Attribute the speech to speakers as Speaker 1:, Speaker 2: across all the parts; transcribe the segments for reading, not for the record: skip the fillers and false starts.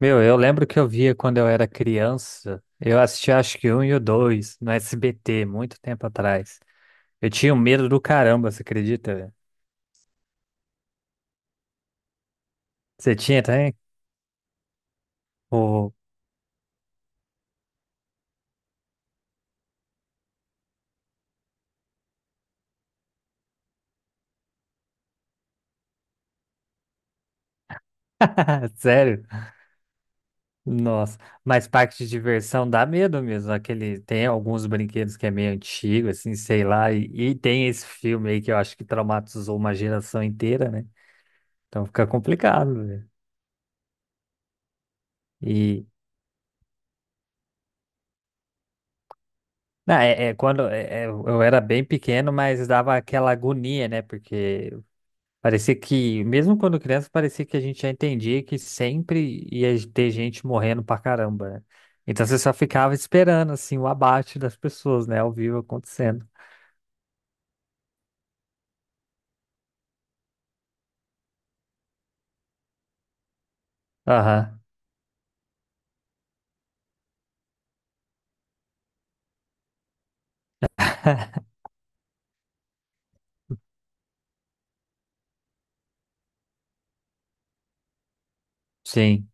Speaker 1: Meu, eu lembro que eu via quando eu era criança. Eu assistia acho que um e o dois no SBT, muito tempo atrás. Eu tinha um medo do caramba, você acredita, velho? Você tinha também? Ô. Sério? Nossa. Mas parque de diversão dá medo mesmo. Aquele, tem alguns brinquedos que é meio antigo, assim, sei lá. E tem esse filme aí que eu acho que traumatizou uma geração inteira, né? Então fica complicado, velho. E. Não, é, é, eu era bem pequeno, mas dava aquela agonia, né? Porque parecia que, mesmo quando criança, parecia que a gente já entendia que sempre ia ter gente morrendo pra caramba, né? Então você só ficava esperando, assim, o abate das pessoas, né? Ao vivo acontecendo. Aham. Sim.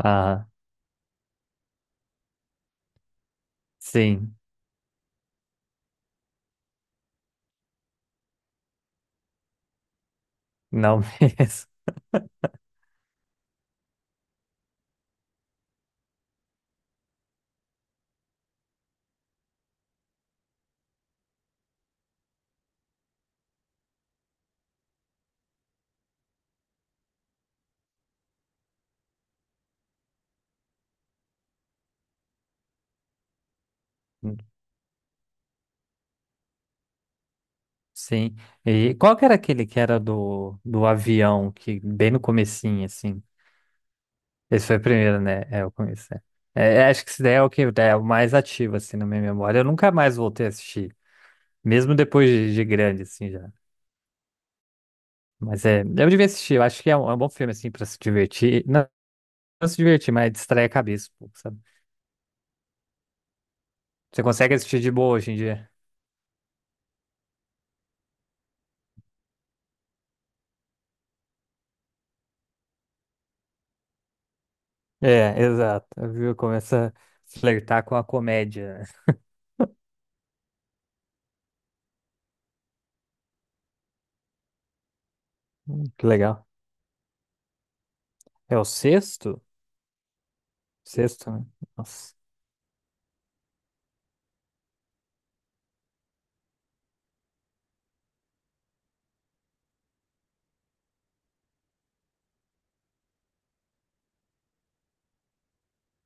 Speaker 1: Aham. Sim. Não mesmo. Sim. E qual que era aquele que era do avião, que bem no comecinho, assim? Esse foi o primeiro, né? É, o começo. É, é, acho que esse daí é o que é o mais ativo, assim, na minha memória. Eu nunca mais voltei a assistir. Mesmo depois de grande, assim, já. Mas é, eu devia assistir, eu acho que é um bom filme, assim, pra se divertir. Não, não se divertir, mas distrair a cabeça, um pouco, sabe? Você consegue assistir de boa hoje em dia. É, exato. Viu? Começa a flertar com a comédia. Que legal. É o sexto? Sexto, né? Nossa.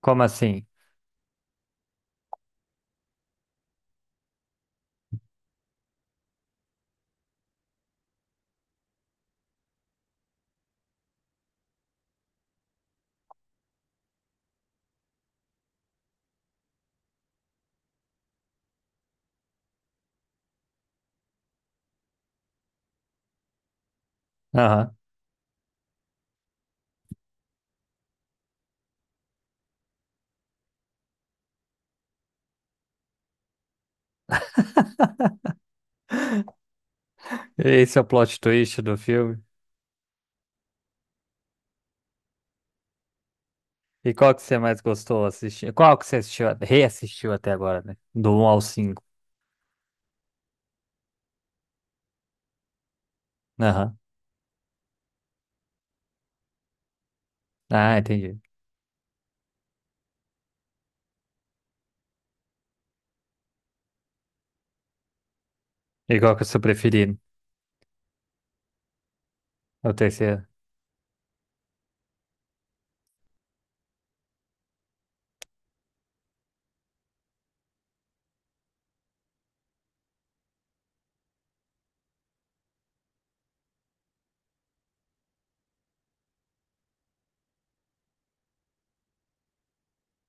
Speaker 1: Como assim? Aham. Esse é o plot twist do filme. E qual que você mais gostou assistir? Qual que você assistiu, reassistiu até agora, né? Do um ao cinco. Aham. Ah, entendi. E qual que é o seu preferido? É o terceiro.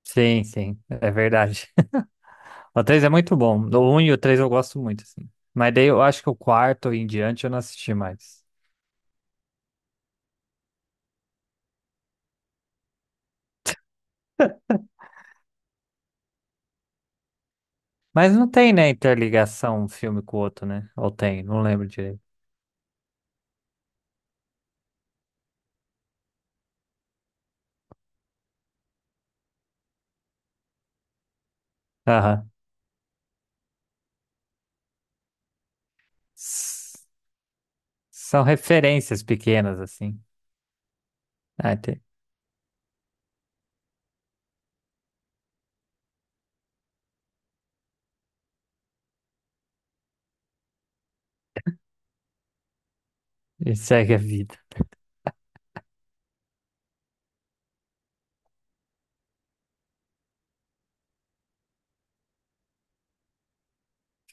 Speaker 1: Sim, sim, é verdade. O 3 é muito bom. O um e o 3 eu gosto muito, assim. Mas daí eu acho que o quarto em diante eu não assisti mais. Mas não tem, né, interligação um filme com o outro, né? Ou tem, não lembro direito. Aham. S- São referências pequenas, assim. Ah, tem. E segue a vida.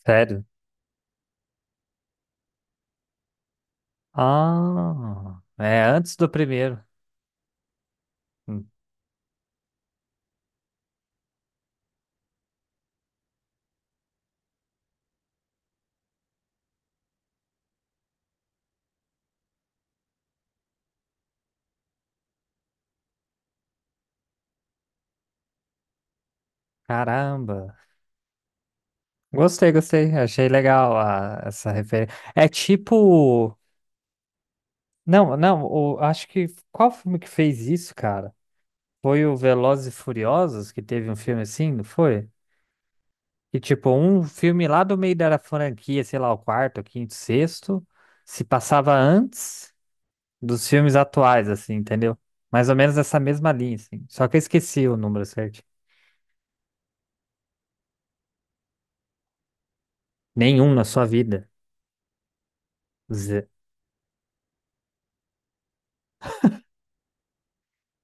Speaker 1: Sério? Ah, é antes do primeiro. Hum. Caramba. Gostei, gostei. Achei legal essa referência. É tipo. Não, não, o- Acho que qual filme que fez isso, cara? Foi o Velozes e Furiosos, que teve um filme assim, não foi? Que tipo, um filme lá do meio da franquia, sei lá, o quarto, o quinto, sexto, se passava antes dos filmes atuais, assim, entendeu? Mais ou menos essa mesma linha, assim. Só que eu esqueci o número certo. Nenhum na sua vida. Ze-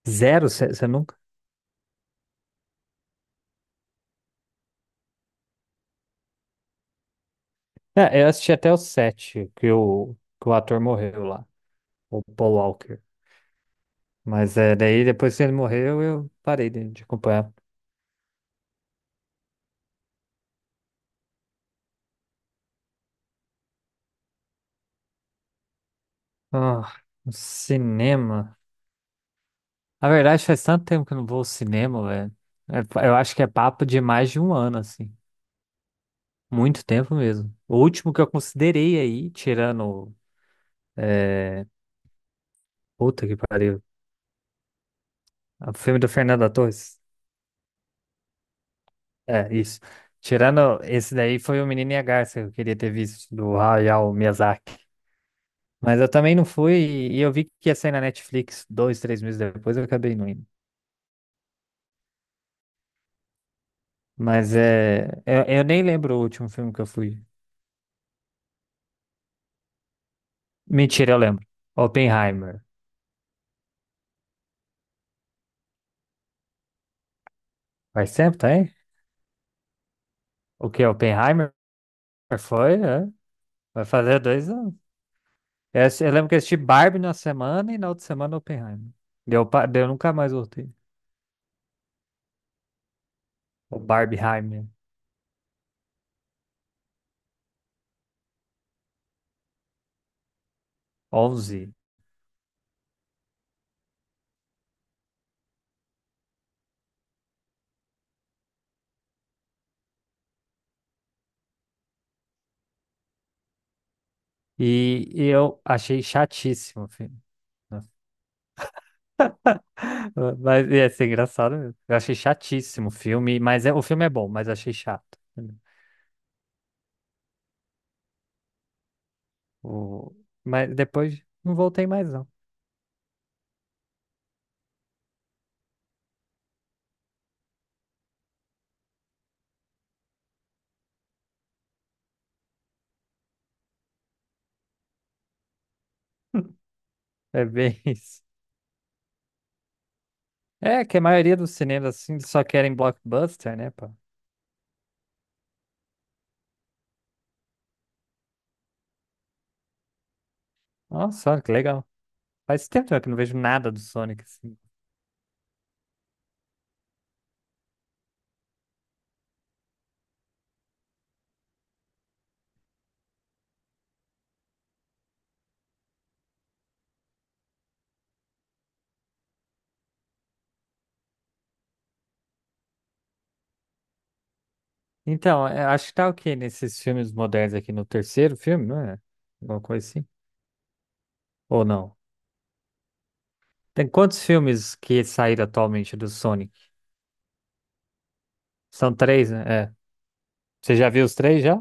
Speaker 1: Zero, você nunca? É, eu assisti até o sete, que o ator morreu lá, o Paul Walker. Mas é, daí depois que ele morreu, eu parei de acompanhar. Ah, o cinema. Na verdade, faz tanto tempo que eu não vou ao cinema, velho. É, eu acho que é papo de mais de um ano, assim. Muito tempo mesmo. O último que eu considerei aí, tirando. É... Puta que pariu. O filme do Fernando Torres. É, isso. Tirando esse daí, foi o Menino e a Garça que eu queria ter visto, do Hayao Miyazaki. Mas eu também não fui, e eu vi que ia sair na Netflix dois, três meses depois, eu acabei não indo. Mas é. Eu nem lembro o último filme que eu fui. Mentira, eu lembro. Oppenheimer. Faz tempo, tá aí? O que? Oppenheimer? Foi, é. Vai fazer dois anos. Eu lembro que eu assisti Barbie na semana e na outra semana Oppenheimer. Deu, nunca mais voltei. O Barbieheimer. Onze. E eu achei chatíssimo o filme. Nossa. Mas ia ser engraçado mesmo. Eu achei chatíssimo o filme, mas o filme é bom, mas achei chato. O, mas depois não voltei mais, não. É bem isso. É que a maioria dos cinemas assim só querem blockbuster, né, pá? Nossa, olha que legal. Faz tempo já que eu não vejo nada do Sonic assim. Então, é, acho que tá o quê nesses filmes modernos aqui no terceiro filme, não é? Alguma coisa assim? Ou não? Tem quantos filmes que saíram atualmente do Sonic? São três, né? É. Você já viu os três já?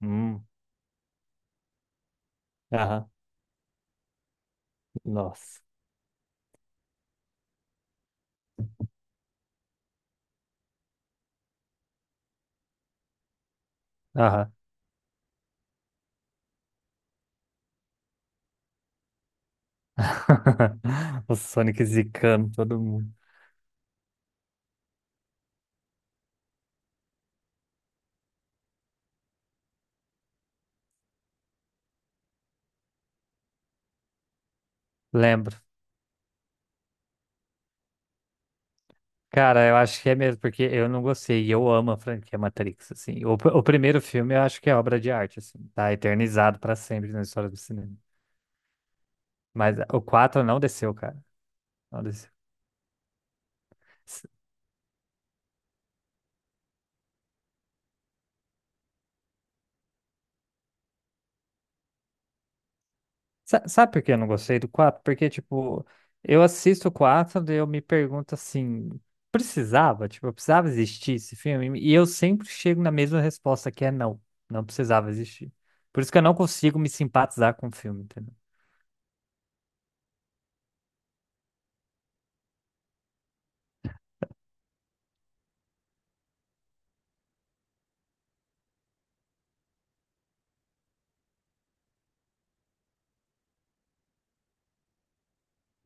Speaker 1: Hum. Aham. Nossa. Aham. O Sonic zicando todo mundo. Lembro. Cara, eu acho que é mesmo, porque eu não gostei, e eu amo a franquia Matrix, assim. O, o primeiro filme eu acho que é obra de arte, assim, tá eternizado pra sempre na história do cinema. Mas o 4 não desceu, cara, não desceu. S- sabe por que eu não gostei do 4? Porque, tipo, eu assisto o 4 e eu me pergunto, assim, precisava? Tipo, precisava existir esse filme? E eu sempre chego na mesma resposta, que é não, não precisava existir. Por isso que eu não consigo me simpatizar com o filme, entendeu?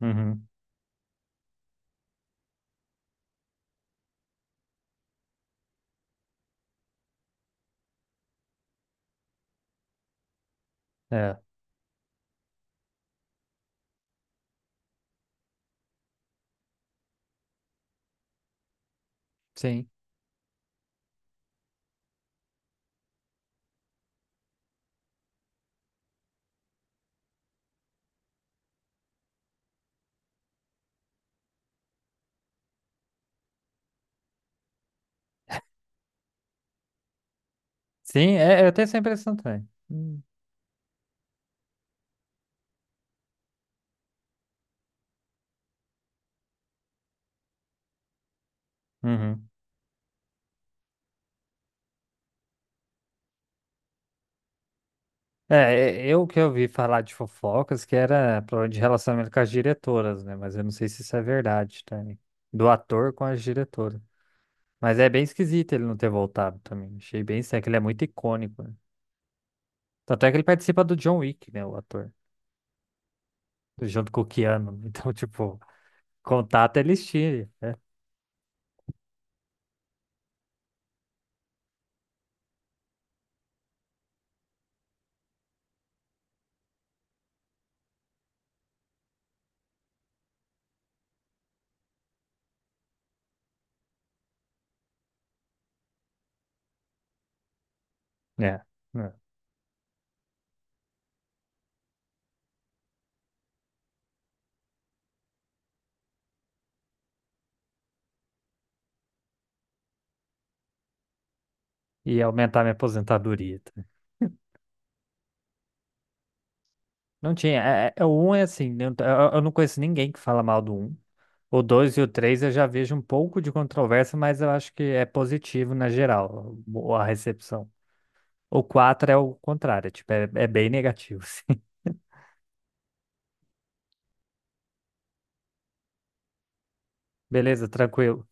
Speaker 1: Uhum, é, sim. Sim, é, eu tenho essa impressão também. Hum. Uhum. É, é, eu que ouvi falar de fofocas que era problema de relacionamento com as diretoras, né? Mas eu não sei se isso é verdade também. Do ator com as diretoras. Mas é bem esquisito ele não ter voltado também. Achei bem estranho, que ele é muito icônico, né? Tanto é que ele participa do John Wick, né? O ator. Junto com o Keanu. Então, tipo, contato eles tinham. É. Né? E aumentar minha aposentadoria, tá? Não tinha. O um é assim, né, eu não conheço ninguém que fala mal do um. O 2 e o 3 eu já vejo um pouco de controvérsia, mas eu acho que é positivo na geral, a recepção. O 4 é o contrário, tipo, é bem negativo. Assim. Beleza, tranquilo.